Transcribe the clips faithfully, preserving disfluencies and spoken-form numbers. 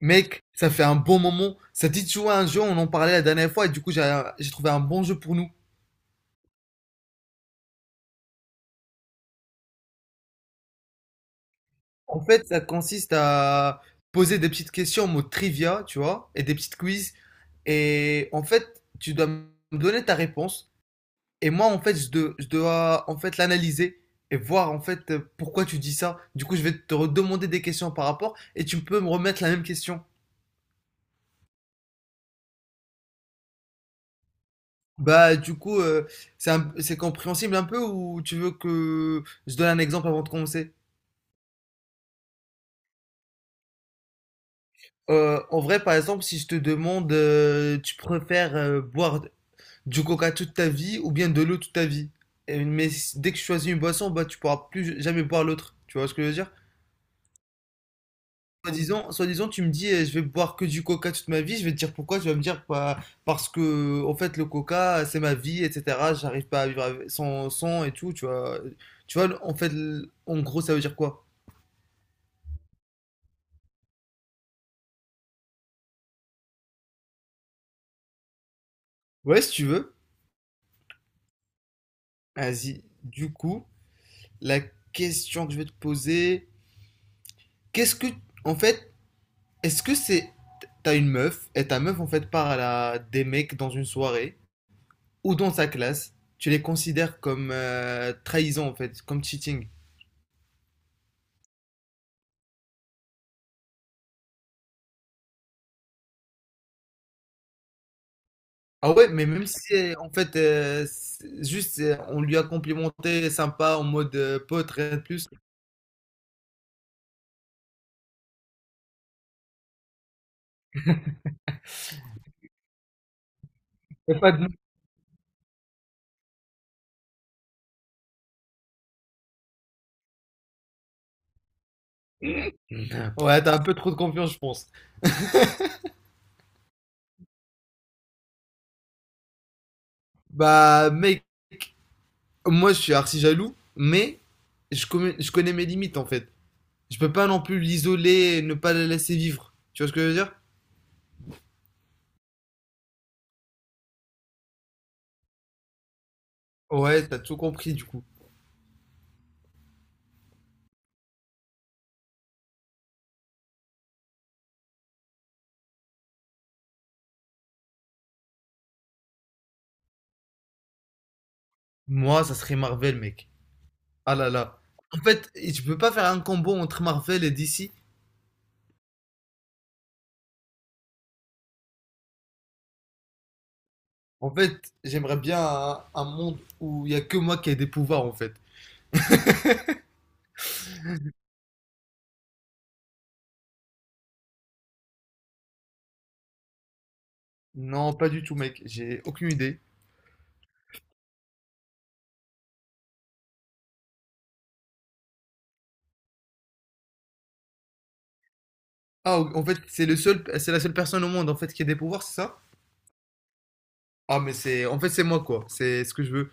Mec, ça fait un bon moment. Ça dit de jouer à un jeu, on en parlait la dernière fois, et du coup, j'ai j'ai trouvé un bon jeu pour nous. En fait, ça consiste à poser des petites questions en mode trivia, tu vois, et des petites quiz. Et en fait, tu dois me donner ta réponse. Et moi, en fait, je dois, je dois en fait l'analyser et voir en fait euh, pourquoi tu dis ça. Du coup, je vais te redemander des questions par rapport, et tu peux me remettre la même question. Bah, du coup, euh, c'est un- c'est compréhensible un peu, ou tu veux que je donne un exemple avant de commencer? Euh, en vrai, par exemple, si je te demande, euh, tu préfères euh, boire du coca toute ta vie ou bien de l'eau toute ta vie? Et- mais si- dès que tu choisis une boisson, bah, tu pourras plus jamais boire l'autre. Tu vois ce que je veux dire? Soit disant soit disant tu me dis, euh, je vais boire que du coca toute ma vie. Je vais te dire pourquoi. Tu vas me dire, bah, parce que, en fait, le coca, c'est ma vie, et cetera. J'arrive pas à vivre avec- sans, sans et tout. Tu vois, tu vois, en fait, l- en gros, ça veut dire quoi? Ouais, si tu veux. Vas-y. Du coup, la question que je vais te poser. Qu'est-ce que, en fait, est-ce que c'est, t'as une meuf et ta meuf en fait part à la- des mecs dans une soirée ou dans sa classe, tu les considères comme euh, trahison en fait, comme cheating. Ah ouais, mais même si euh, en fait euh, c'est juste euh, on lui a complimenté sympa en mode euh, pote rien de plus. Et pas de- Ouais, t'as un peu trop de confiance je pense. Bah mec, moi je suis archi jaloux, mais je connais, je connais mes limites en fait. Je peux pas non plus l'isoler et ne pas la laisser vivre. Tu vois ce que je veux dire? Ouais, t'as tout compris du coup. Moi, ça serait Marvel, mec. Ah là là. En fait, je peux pas faire un combo entre Marvel et D C. En fait, j'aimerais bien un, un monde où il y a que moi qui ai des pouvoirs, en fait. Non, pas du tout, mec. J'ai aucune idée. Ah, en fait, c'est le seul, c'est la seule personne au monde, en fait, qui a des pouvoirs, c'est ça? Ah, mais c'est, en fait, c'est moi, quoi. C'est ce que je veux.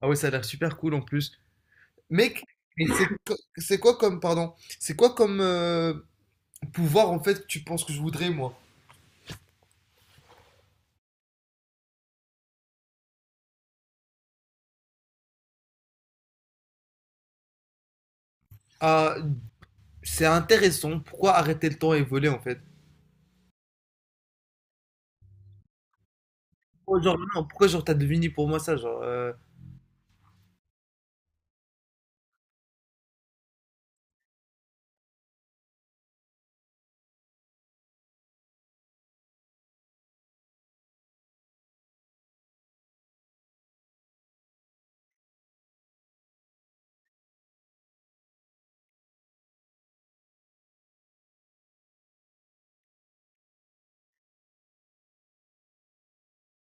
Ah ouais, ça a l'air super cool, en plus. Mec, mais c'est, co- c'est quoi comme, pardon, c'est quoi comme euh, pouvoir, en fait, que tu penses que je voudrais, moi? Ah, c'est intéressant. Pourquoi arrêter le temps et voler en fait? Pourquoi genre, non, pourquoi genre t'as deviné pour moi ça genre, euh,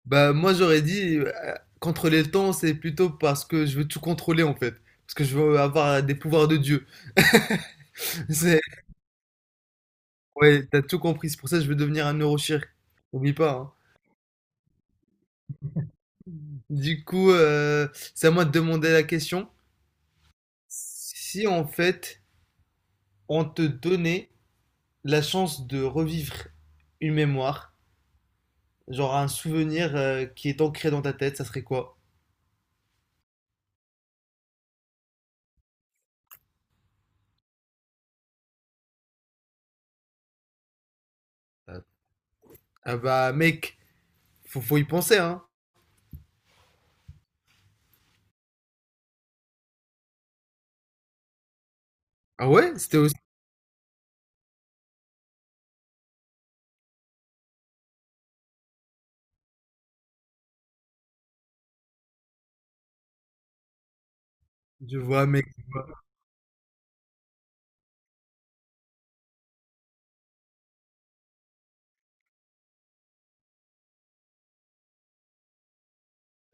Bah moi j'aurais dit euh, contrôler le temps c'est plutôt parce que je veux tout contrôler en fait. Parce que je veux avoir des pouvoirs de Dieu. C'est, ouais, t'as tout compris. C'est pour ça que je veux devenir un neurochirurgien. Oublie pas, hein. Du coup, euh, c'est à moi de demander la question. Si en fait on te donnait la chance de revivre une mémoire, genre un souvenir euh, qui est ancré dans ta tête, ça serait quoi? Ah bah mec, faut, faut y penser hein. Ah ouais, c'était aussi. Je vois mec, je vois.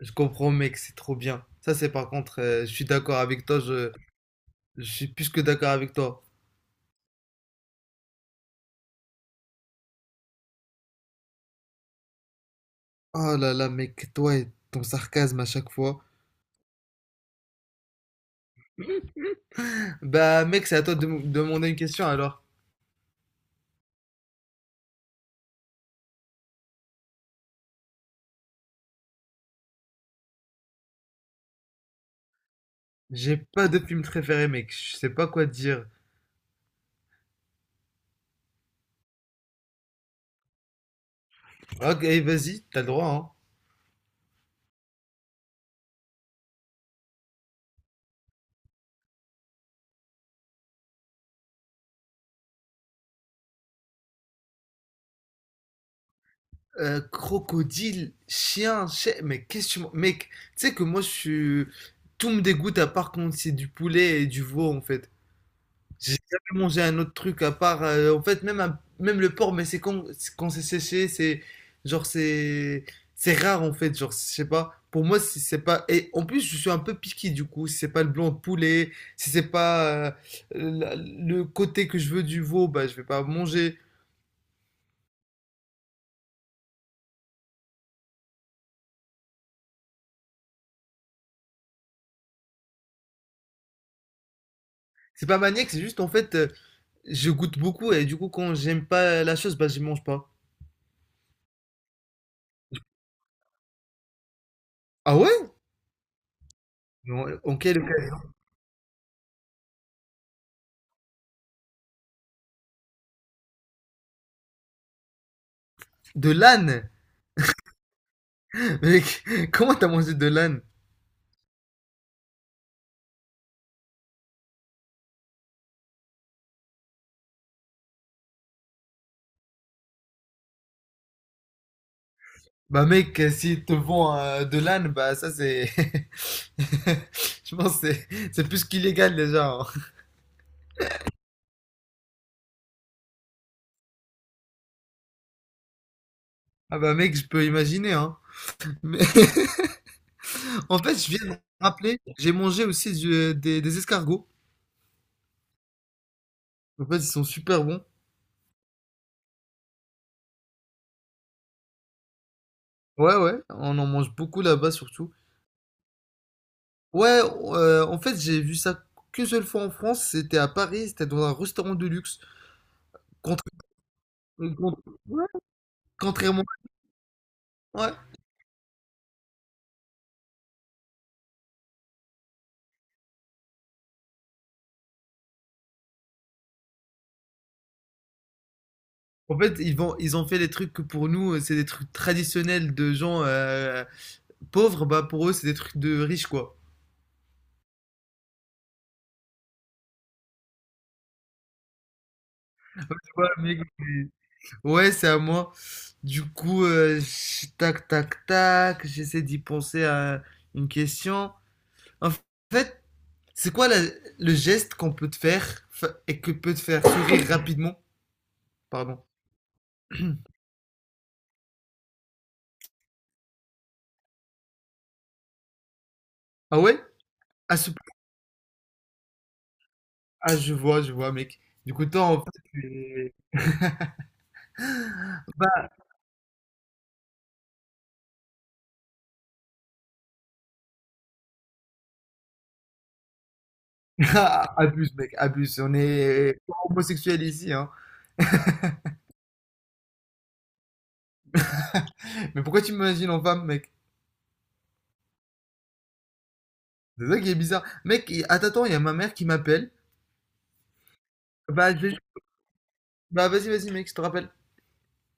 Je comprends mec, c'est trop bien. Ça c'est par contre, euh, je suis d'accord avec toi, je, je suis plus que d'accord avec toi. Oh là là mec, toi et ton sarcasme à chaque fois. Bah mec, c'est à toi de me demander une question alors. J'ai pas de film préféré mec, je sais pas quoi dire. Ok, eh, vas-y, t'as le droit hein. Euh, crocodile, chien, chien, mais qu'est-ce que tu... m'en- Mec, tu sais que moi je suis... Tout me dégoûte à part quand c'est du poulet et du veau en fait. J'ai jamais mangé un autre truc à part, euh, en fait, même, un- même le porc, mais c'est quand, c'est quand c'est séché, c'est. Genre, c'est. C'est rare en fait, genre, je sais pas. Pour moi, si c'est pas. Et en plus, je suis un peu piqué du coup. Si c'est pas le blanc de poulet, si c'est pas euh, la- le côté que je veux du veau, bah, je vais pas manger. C'est pas maniaque, c'est juste en fait, euh, je goûte beaucoup et du coup, quand j'aime pas la chose, bah, je mange pas. Ah ouais? Mais en en quelle occasion? De l'âne! Mec, comment t'as mangé de l'âne? Bah mec, euh, s'ils te vend euh, de l'âne, bah ça c'est... Je pense que c'est c'est plus qu'illégal déjà, hein. Ah bah mec, je peux imaginer, hein. Mais en fait, je viens de me rappeler, j'ai mangé aussi du- des, des escargots. En fait, ils sont super bons. Ouais, ouais, on en mange beaucoup là-bas surtout. Ouais, euh, en fait, j'ai vu ça qu'une seule fois en France. C'était à Paris, c'était dans un restaurant de luxe. Contra- euh, con- ouais, Contrairement... ouais, En fait, ils vont, ils ont fait des trucs que pour nous, euh, c'est des trucs traditionnels de gens euh, pauvres. Bah, pour eux, c'est des trucs de riches, quoi. Tu vois, le mec, c'est- Ouais, c'est à moi. Du coup, euh, ch- tac, tac, tac, j'essaie d'y penser à une question. En fait, c'est quoi la- le geste qu'on peut te faire fa- et que peut te faire sourire rapidement? Pardon. Ah ouais? À ce... Ah, je vois, je vois, mec. Du coup, toi, en fait, tu es- Ah, abuse, mec, abuse. On est homosexuel ici, hein. Mais pourquoi tu m'imagines en femme, mec? C'est ça qui est bizarre. Mec, attends, attends, il y a ma mère qui m'appelle. Bah, je vais- bah, vas-y, vas-y, mec, je te rappelle.